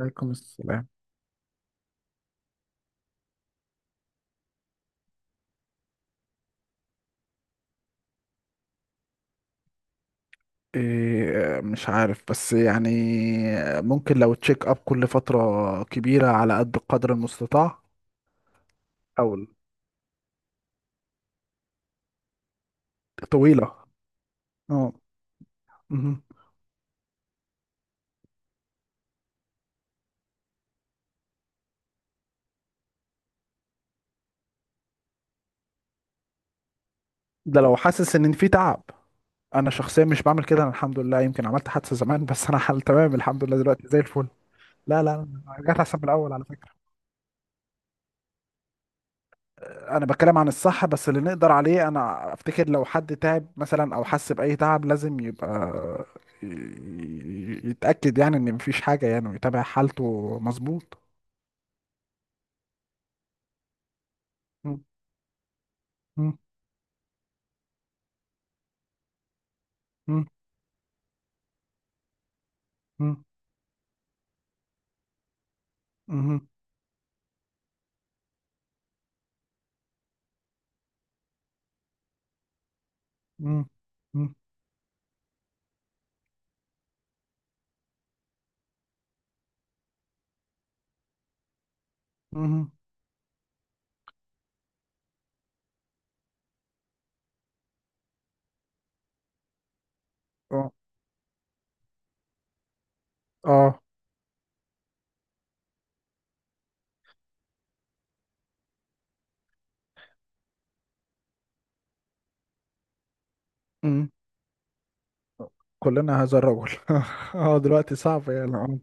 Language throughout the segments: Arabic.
عليكم السلام. إيه، مش عارف بس يعني ممكن لو تشيك اب كل فترة كبيرة على قد القدر المستطاع او طويلة. اه. مهم. ده لو حاسس ان في تعب. انا شخصيا مش بعمل كده، انا الحمد لله، يمكن عملت حادثة زمان بس انا حال تمام الحمد لله دلوقتي زي الفل. لا لا لا، رجعت احسن من الاول على فكرة. انا بتكلم عن الصح بس اللي نقدر عليه، انا افتكر لو حد تعب مثلا او حس باي تعب لازم يبقى يتاكد يعني ان مفيش حاجه يعني ويتابع حالته مظبوط. مم. مم. مم. مم. مم. مم. مم. مم. اه. اه. مم. كلنا هذا الرجل. اه، دلوقتي صعب يعني.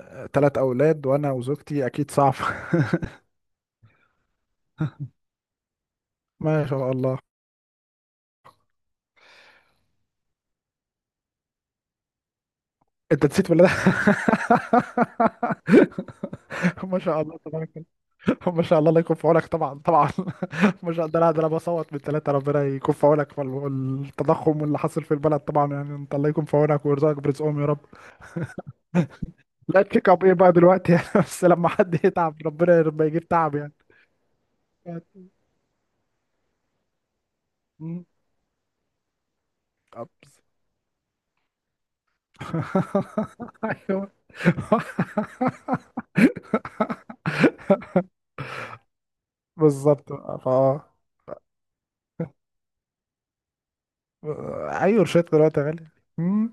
اه، تلات اولاد وانا وزوجتي اكيد صعب. ما شاء الله. انت نسيت ولا لا؟ ما شاء الله تبارك. ما شاء الله، الله يكون في عونك طبعا طبعا. ما شاء الله، ده انا بصوت من ثلاثه، ربنا يكون في عونك، والتضخم واللي حاصل في البلد طبعا يعني انت الله يكون في عونك ويرزقك برزقهم يا رب. لا تشيك اب ايه بقى دلوقتي؟ يعني بس لما حد يتعب ربنا لما يجيب تعب يعني. مم. أبس. ايوه، بالظبط فا. ايوه، رشيت دلوقتي يا غالي. مم.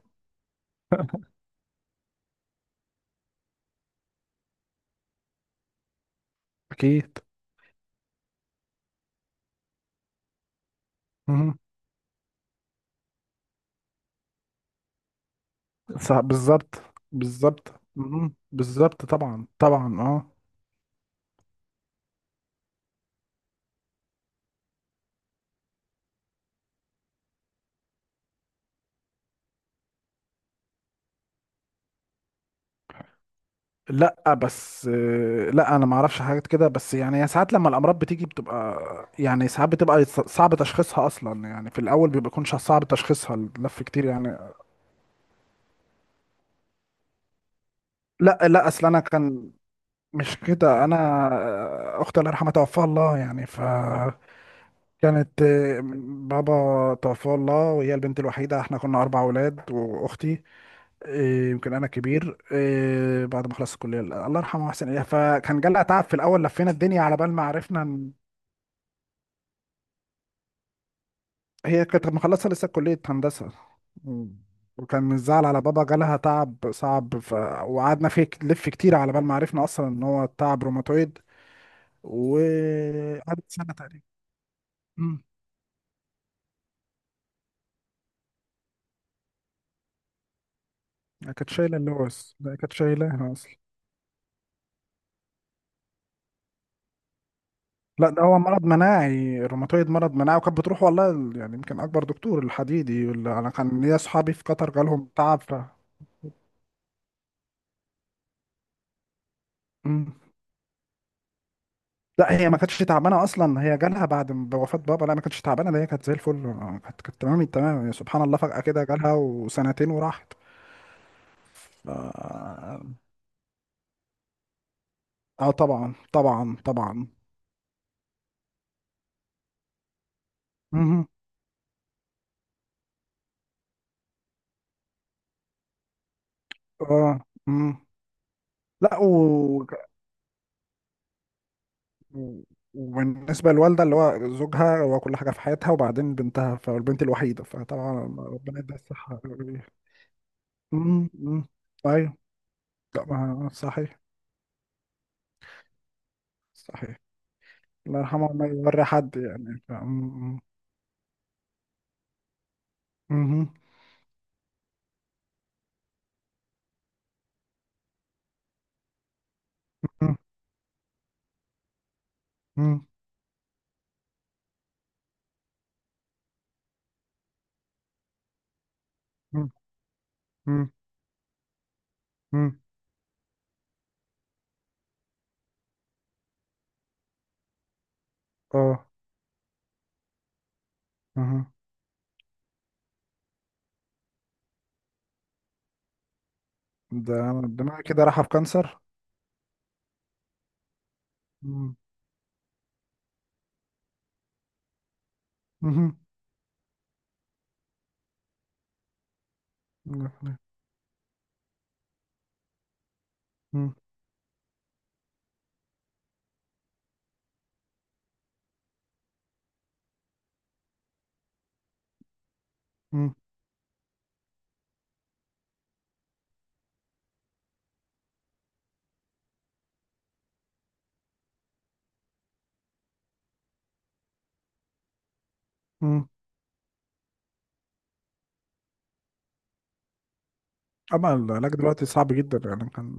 اكيد. مم. صح، بالظبط. بالظبط. مم. بالظبط، طبعا طبعا، اه. لا بس لا انا ما اعرفش حاجات كده، بس يعني هي ساعات لما الامراض بتيجي بتبقى يعني ساعات بتبقى صعب تشخيصها اصلا يعني، في الاول بيبقى يكونش صعب تشخيصها اللف كتير يعني. لا لا، اصل انا كان مش كده. انا اختي الله يرحمها توفاها الله يعني ف كانت بابا توفاه الله وهي البنت الوحيده، احنا كنا اربع اولاد واختي يمكن انا كبير بعد ما خلصت الكليه الله يرحمه واحسن اليه، فكان جالها تعب في الاول لفينا الدنيا على بال ما عرفنا. هي كانت مخلصة لسه كلية هندسة. مم. وكان من الزعل على بابا جالها تعب صعب ف... وقعدنا فيه نلف كتير على بال ما عرفنا أصلا إن هو تعب روماتويد، وقعدت سنة تقريبا. مم. هي كانت شايلة اللوز، لا كانت شايلاها أصلا. لا، ده هو مرض مناعي، الروماتويد مرض مناعي، وكانت بتروح والله ال- يعني يمكن أكبر دكتور الحديدي، اللي أنا كان ليا أصحابي في قطر جالهم تعب ف... مم. لا، هي ما كانتش تعبانه اصلا، هي جالها بعد بوفاه بابا، لا ما كانتش تعبانه، ده هي كانت زي الفل. كانت تمام التمام، سبحان الله، فجاه كده جالها وسنتين وراحت ف... اه طبعا طبعا طبعا. مهم. اه. مم. لا و... و- وبالنسبه للوالده، اللي هو زوجها هو كل حاجه في حياتها، وبعدين بنتها فالبنت الوحيده فطبعا ربنا يديها الصحه. مم. مم. ايوه. طبعا. صحيح. صحيح. الله يرحمه، ما يوري حد يعني ف... مم. مم. مم. مم. مم. مم. اه. اها. ده انا كده راح في كانسر. مم. مهم. مم. مم. مم. اما العلاج دلوقتي صعب جدا يعني، كان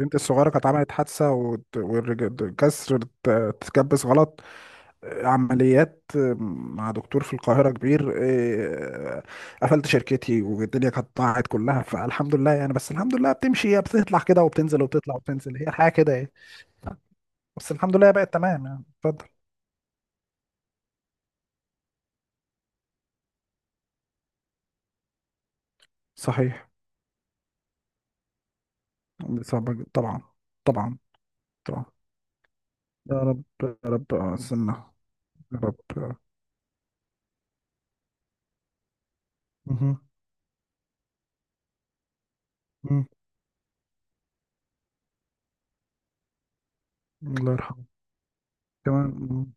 البنت الصغيره كانت عملت حادثه كسر تكبس غلط. عمليات مع دكتور في القاهره كبير إيه، قفلت شركتي والدنيا كانت ضاعت كلها فالحمد لله يعني، بس الحمد لله بتمشي، هي بتطلع كده وبتنزل وبتطلع وبتنزل، هي الحياه كده ايه. بس الحمد لله بقت تمام يعني. اتفضل. صحيح. صعبة جدا. طبعا. طبعا. طبعا. يا رب يا رب، استنى. يا رب. مهم. مم. الله يرحمه. كمان مم.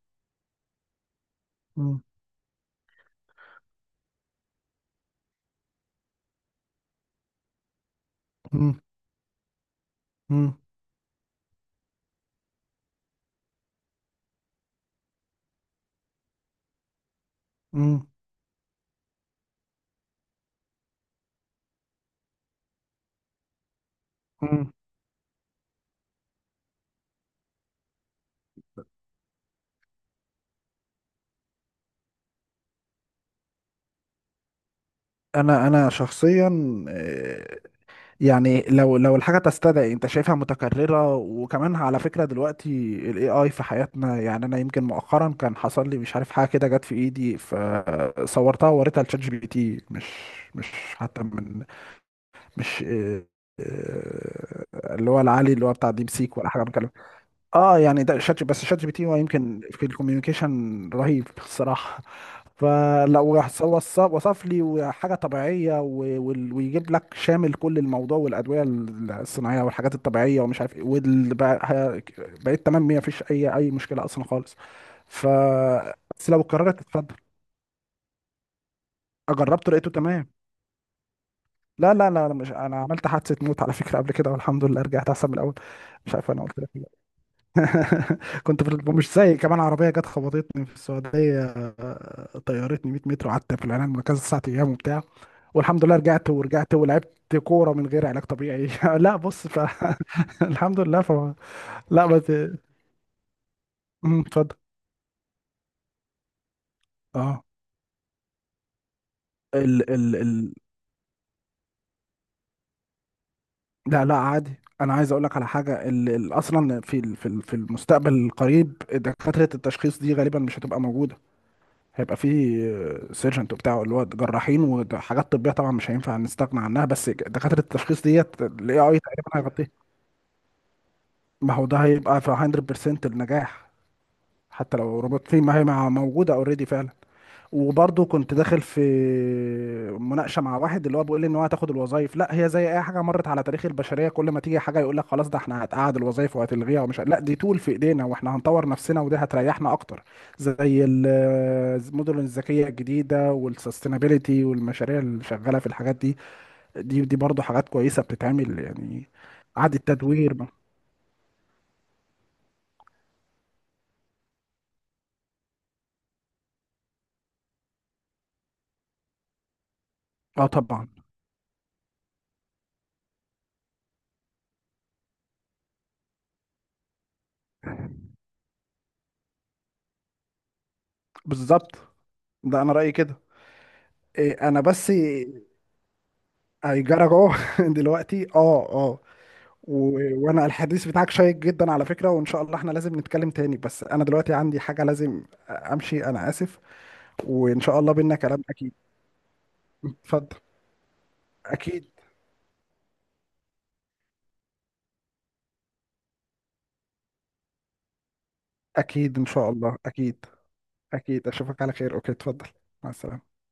مم. مم. مم. مم. مم. انا شخصيا آه، يعني لو لو الحاجه تستدعي انت شايفها متكرره. وكمان على فكره دلوقتي الاي اي في حياتنا، يعني انا يمكن مؤخرا كان حصل لي مش عارف حاجه كده جت في ايدي، فصورتها ووريتها لشات جي بي تي. مش مش حتى من مش اللي هو العالي اللي هو بتاع ديب سيك ولا حاجه بكلم. اه يعني ده بس شات جي بي تي هو يمكن في الكوميونيكيشن رهيب الصراحه، فلو راح وصف لي حاجه طبيعيه ويجيب لك شامل كل الموضوع والادويه الصناعيه والحاجات الطبيعيه ومش عارف ايه بقيت تمام، ما فيش اي اي مشكله اصلا خالص ف بس لو قررت اتفضل. جربته لقيته تمام. لا لا لا، أنا مش انا عملت حادثه موت على فكره قبل كده والحمد لله رجعت احسن من الاول. مش عارف انا قلت لك ولا لأ. كنت في ال- مش زي، كمان عربيه جت خبطتني في السعوديه، طيرتني 100 متر وقعدت في العنايه المركزه 9 ايام وبتاع، والحمد لله رجعت ورجعت ولعبت كوره من غير علاج طبيعي. لا بص ف... الحمد لله ف... لا بس مم، اتفضل. اه. ال ال ال لا لا عادي. انا عايز اقول لك على حاجه اصلا في المستقبل القريب دكاتره التشخيص دي غالبا مش هتبقى موجوده، هيبقى في سيرجنت وبتاع، اللي هو جراحين وحاجات طبيه طبعا مش هينفع نستغنى عنها، بس دكاتره التشخيص ديت الاي اي تقريبا هيغطيها. ما هو ده هيبقى في 100% النجاح. حتى لو روبوت في، ما هي موجوده اوريدي فعلا. وبرضه كنت داخل في مناقشه مع واحد اللي هو بيقول لي ان هو هتاخد الوظائف، لا هي زي اي حاجه مرت على تاريخ البشريه، كل ما تيجي حاجه يقول لك خلاص ده احنا هتقعد الوظائف وهتلغيها ومش لا دي طول في ايدينا واحنا هنطور نفسنا ودي هتريحنا اكتر. زي المدن الذكيه الجديده والسستينابيلتي والمشاريع اللي شغاله في الحاجات دي، دي برضه حاجات كويسه بتتعمل يعني، اعاده تدوير. اه طبعا. بالظبط، ده انا رايي كده. إيه، انا بس هيجرى جوه. دلوقتي اه آه. و... وانا الحديث بتاعك شيق جدا على فكرة وان شاء الله احنا لازم نتكلم تاني، بس انا دلوقتي عندي حاجة لازم امشي، انا اسف، وان شاء الله بينا كلام اكيد. اتفضل. اكيد. اكيد ان شاء الله اكيد. اكيد اشوفك على خير. اوكي اتفضل. مع السلامة.